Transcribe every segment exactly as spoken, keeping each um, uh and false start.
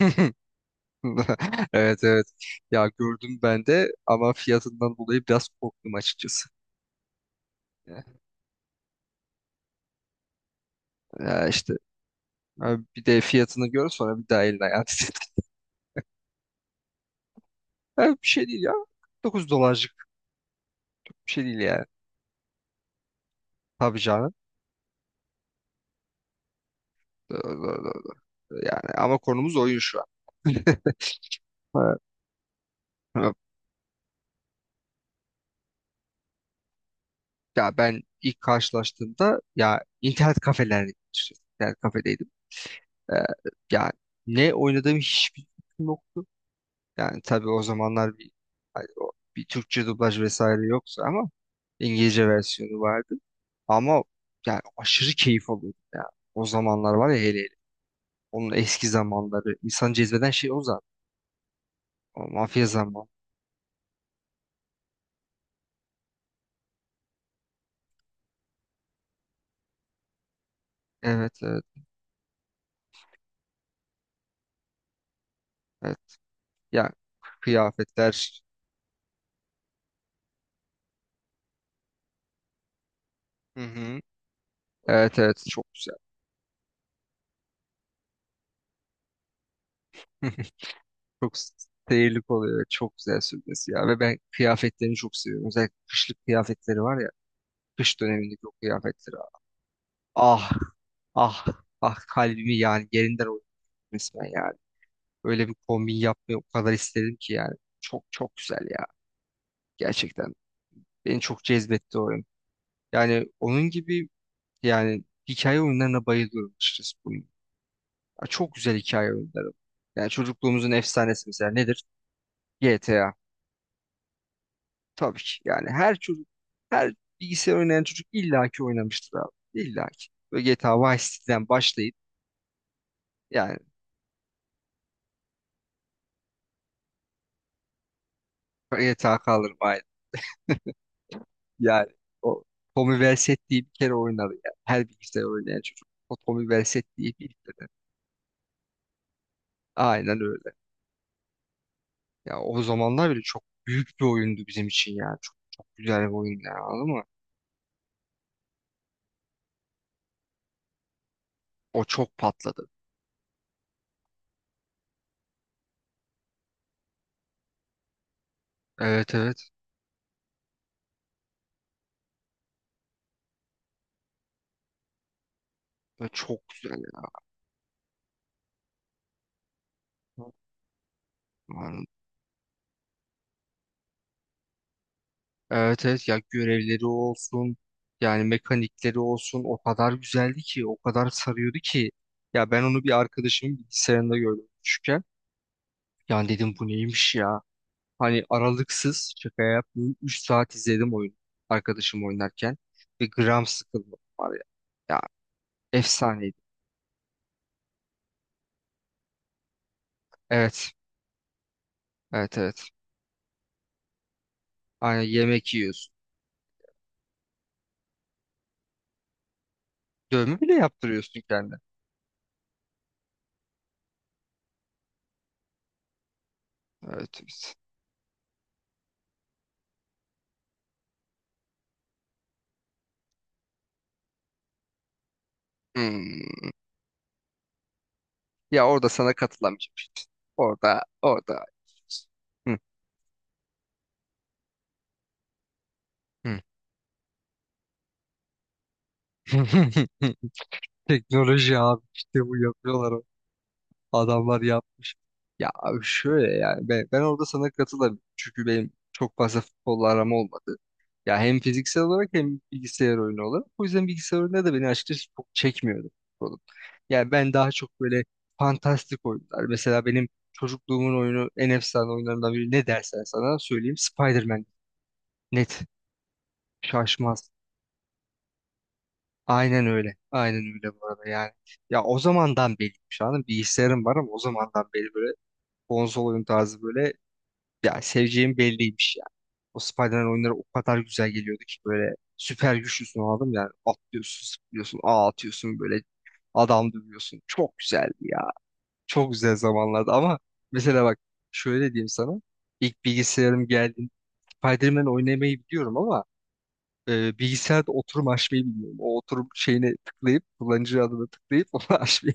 Evet evet. Ya gördüm ben de ama fiyatından dolayı biraz korktum açıkçası. Ya işte, ha bir de fiyatını gör sonra bir daha eline ayağını titir. Ha, bir şey değil ya. Kırk dokuz dolarcık bir şey değil yani. Tabii canım. Doğru, doğru, doğru, doğru. Yani ama konumuz oyun şu an. Ha, ha. Ya ben ilk karşılaştığımda, ya internet kafelerde, internet kafedeydim. Ee, Yani ne oynadığım hiçbir fikrim yok. Yani tabii o zamanlar bir, hani o- bir Türkçe dublaj vesaire yoksa ama İngilizce versiyonu vardı. Ama yani aşırı keyif alıyordum ya. O zamanlar var ya, hele hele. Onun eski zamanları. İnsanı cezbeden şey o zaten. O mafya zamanı. Evet evet. Evet. Yani kıyafetler. Hı hı. Evet evet, çok güzel. Çok seyirlik oluyor. Ve çok güzel sürmesi ya. Ve ben kıyafetlerini çok seviyorum. Özellikle kışlık kıyafetleri var ya. Kış dönemindeki o kıyafetleri. Ah, ah, ah, kalbimi yani yerinden oynadım resmen yani. Öyle bir kombin yapmayı o kadar istedim ki yani. Çok çok güzel ya, gerçekten. Beni çok cezbetti o oyun. Yani onun gibi, yani hikaye oyunlarına bayılıyorum açıkçası bunun. Ya çok güzel hikaye oyunları. Yani çocukluğumuzun efsanesi mesela nedir? G T A. Tabii ki yani her çocuk, her bilgisayar oynayan çocuk illaki oynamıştır abi. İllaki. Böyle G T A Vice City'den başlayıp, yani G T A kalır. Yani o Tommy Vercetti'yi bir kere oynadı ya. Her bilgisayar oynayan çocuk. O Tommy Vercetti'yi bildi. Aynen öyle. Ya o zamanlar bile çok büyük bir oyundu bizim için ya. Çok, çok güzel bir oyundu ya, anladın mı? O çok patladı. Evet evet. Ve çok güzel ya. Yani, evet evet, ya görevleri olsun. Yani mekanikleri olsun. O kadar güzeldi ki. O kadar sarıyordu ki. Ya ben onu bir arkadaşımın bilgisayarında gördüm küçükken. Yani dedim bu neymiş ya? Hani aralıksız şaka yapmıyorum. Üç saat izledim oyunu. Arkadaşım oynarken. Ve gram sıkılmadım var ya. Ya efsaneydi. Evet. Evet evet. Aynen, yemek yiyorsun. Dövme bile yaptırıyorsun kendine. Evet, evet. Hmm. Ya orada sana katılamayacağım işte. Orada, orada. Hı, hı. Teknoloji abi, işte bu yapıyorlar. Adamlar yapmış. Ya abi şöyle yani ben, ben orada sana katılırım. Çünkü benim çok fazla futbolla aram olmadı. Ya hem fiziksel olarak hem bilgisayar oyunu olarak. O yüzden bilgisayar oyunu da beni açıkçası çok çekmiyordu, futbolun. Yani ben daha çok böyle fantastik oyunlar. Mesela benim çocukluğumun oyunu, en efsane oyunlarından biri ne dersen sana söyleyeyim. Spider-Man. Net. Şaşmaz. Aynen öyle. Aynen öyle bu arada yani. Ya o zamandan beri şu an bilgisayarım var ama o zamandan beri böyle konsol oyun tarzı böyle. Ya seveceğim belliymiş ya. O Spider-Man oyunları o kadar güzel geliyordu ki, böyle süper güçlüsün aldım yani, atlıyorsun, zıplıyorsun, ağ atıyorsun, böyle adam dövüyorsun. Çok güzeldi ya. Çok güzel zamanlardı ama, mesela bak, şöyle diyeyim sana. İlk bilgisayarım geldiğinde Spider-Man oynamayı biliyorum ama e, bilgisayarda oturum açmayı bilmiyorum. O oturum şeyine tıklayıp kullanıcı adını tıklayıp onu açmayı,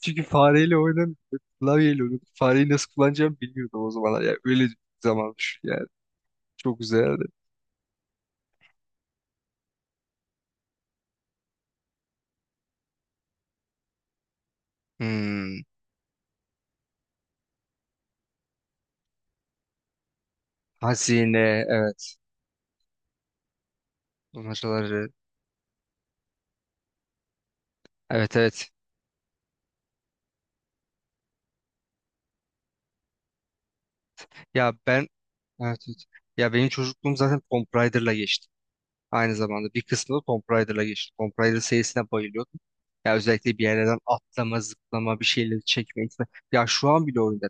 çünkü fareyle oynan klavyeyle oynadım. Fareyi nasıl kullanacağımı bilmiyordum o zamanlar. Yani öyle bir zaman düşün yani. Çok güzeldi. Hmm, hazine, evet. Bulmacaları. Evet evet. Ya ben, evet, evet. Ya benim çocukluğum zaten Tomb Raider'la geçti. Aynı zamanda bir kısmı da Tomb Raider'la geçti. Tomb Raider serisine bayılıyordum. Ya özellikle bir yerlerden atlama, zıplama, bir şeyleri çekme, itme. Ya şu an bile oyunda,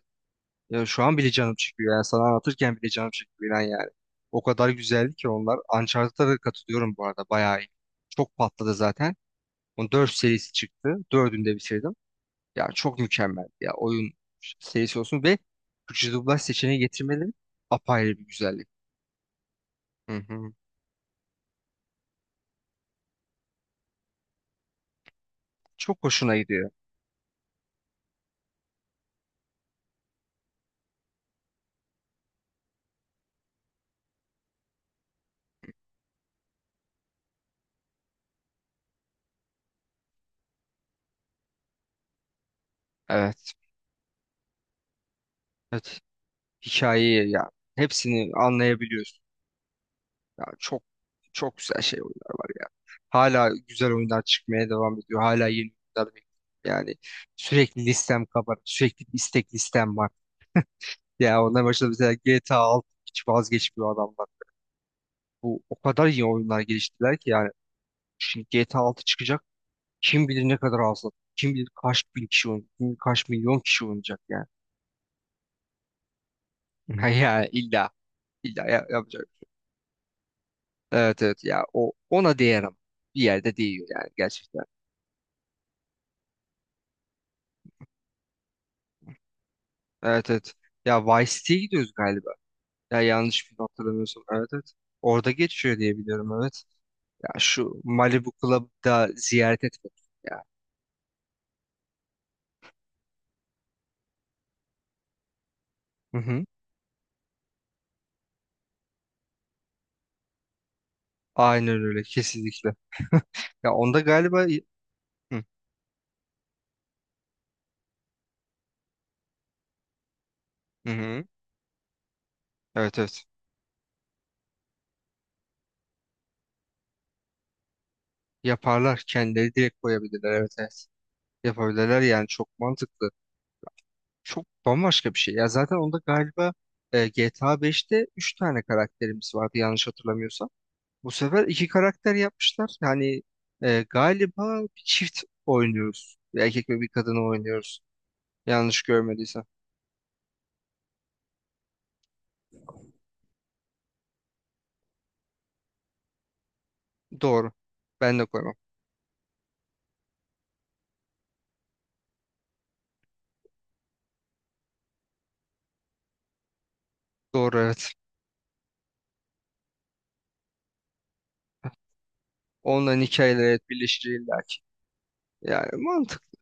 ya şu an bile canım çıkıyor yani sana anlatırken bile canım çıkıyor, inan yani. O kadar güzeldi ki onlar. Uncharted'a da katılıyorum bu arada, bayağı iyi. Çok patladı zaten. Onun dört serisi çıktı. dördünü de bitirdim. Ya çok mükemmel ya, oyun serisi olsun ve Türkçe dublaj seçeneği getirmeleri apayrı bir güzellik. Hı hı. Çok hoşuna gidiyor. Evet. Evet. Hikayeyi ya hepsini anlayabiliyorsun. Ya çok, çok güzel şey oyunlar var ya. Hala güzel oyunlar çıkmaya devam ediyor. Hala yeni oyunlar bekliyorum. Yani sürekli listem kabarık. Sürekli bir istek listem var. Ya ondan başında mesela G T A altı, hiç vazgeçmiyor adamlar. Bu o kadar iyi oyunlar geliştirdiler ki, yani şimdi G T A altı çıkacak. Kim bilir ne kadar az. Kim bilir kaç bin kişi oynayacak. Kim bilir kaç milyon kişi oynayacak yani. Hı hı. Yani illa illa, ya- yapacak bir şey yok. Evet evet ya, o ona değer ama bir yerde değiyor yani gerçekten. Evet evet. Ya Vice City'ye gidiyoruz galiba. Ya yanlış bir hatırlamıyorsam. Evet evet. Orada geçiyor diye biliyorum, evet. Ya şu Malibu Club'ı da ziyaret etmek. Ya. Hı hı. Aynen öyle, kesinlikle. Ya onda galiba, hı hı, hı. Evet evet. Yaparlar. Kendileri direkt koyabilirler. Evet evet. Yapabilirler yani, çok mantıklı. Çok bambaşka bir şey. Ya zaten onda galiba, e, G T A beşte üç tane karakterimiz vardı yanlış hatırlamıyorsam. Bu sefer iki karakter yapmışlar. Yani e, galiba bir çift oynuyoruz. Bir erkek ve bir kadını oynuyoruz. Yanlış görmediysem. Doğru. Ben de koymam. Doğru, evet. Onların hikayeleri, evet, birleşir illa ki. Yani mantıklı.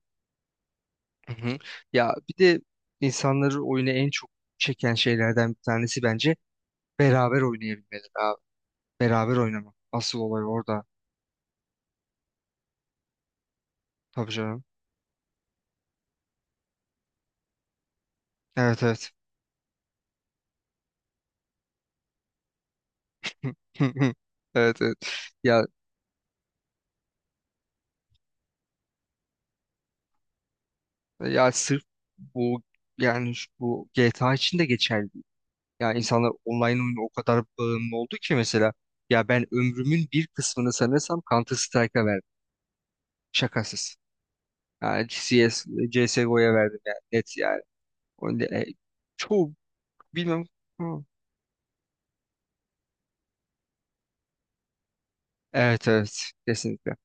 Hı hı. Ya bir de insanları oyuna en çok çeken şeylerden bir tanesi, bence, beraber oynayabilmeleri abi. Beraber oynamak. Asıl olay orada. Tabii canım. Evet evet. Evet evet. Ya Ya sırf bu yani şu- bu G T A için de geçerli. Yani insanlar online oyuna o kadar bağımlı oldu ki mesela, ya ben ömrümün bir kısmını sanırsam Counter Strike'a verdim. Şakasız. Yani C S, C S G O'ya verdim yani, net yani. O ne- e, Çoğu bilmem. Hı. Evet evet, kesinlikle.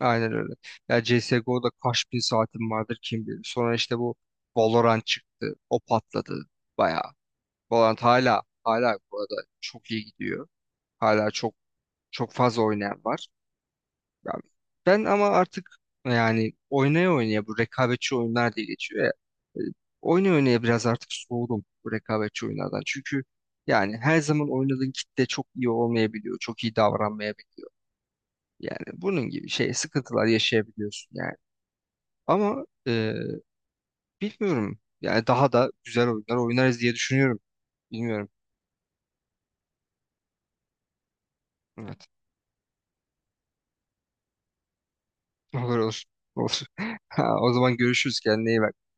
Aynen öyle. Ya C S G O'da kaç bin saatim vardır, kim bilir. Sonra işte bu Valorant çıktı. O patladı bayağı. Valorant hala hala bu arada çok iyi gidiyor. Hala çok, çok fazla oynayan var. Ya ben ama artık, yani oynaya oynaya bu rekabetçi oyunlar diye geçiyor ya. e, Oynaya oynaya biraz artık soğudum bu rekabetçi oyunlardan. Çünkü yani her zaman oynadığın kitle çok iyi olmayabiliyor. Çok iyi davranmayabiliyor. Yani bunun gibi şey sıkıntılar yaşayabiliyorsun yani. Ama e, bilmiyorum. Yani daha da güzel oyunlar oynarız diye düşünüyorum. Bilmiyorum. Evet. Olur olur. Olur. Ha, o zaman görüşürüz. Kendine iyi bak.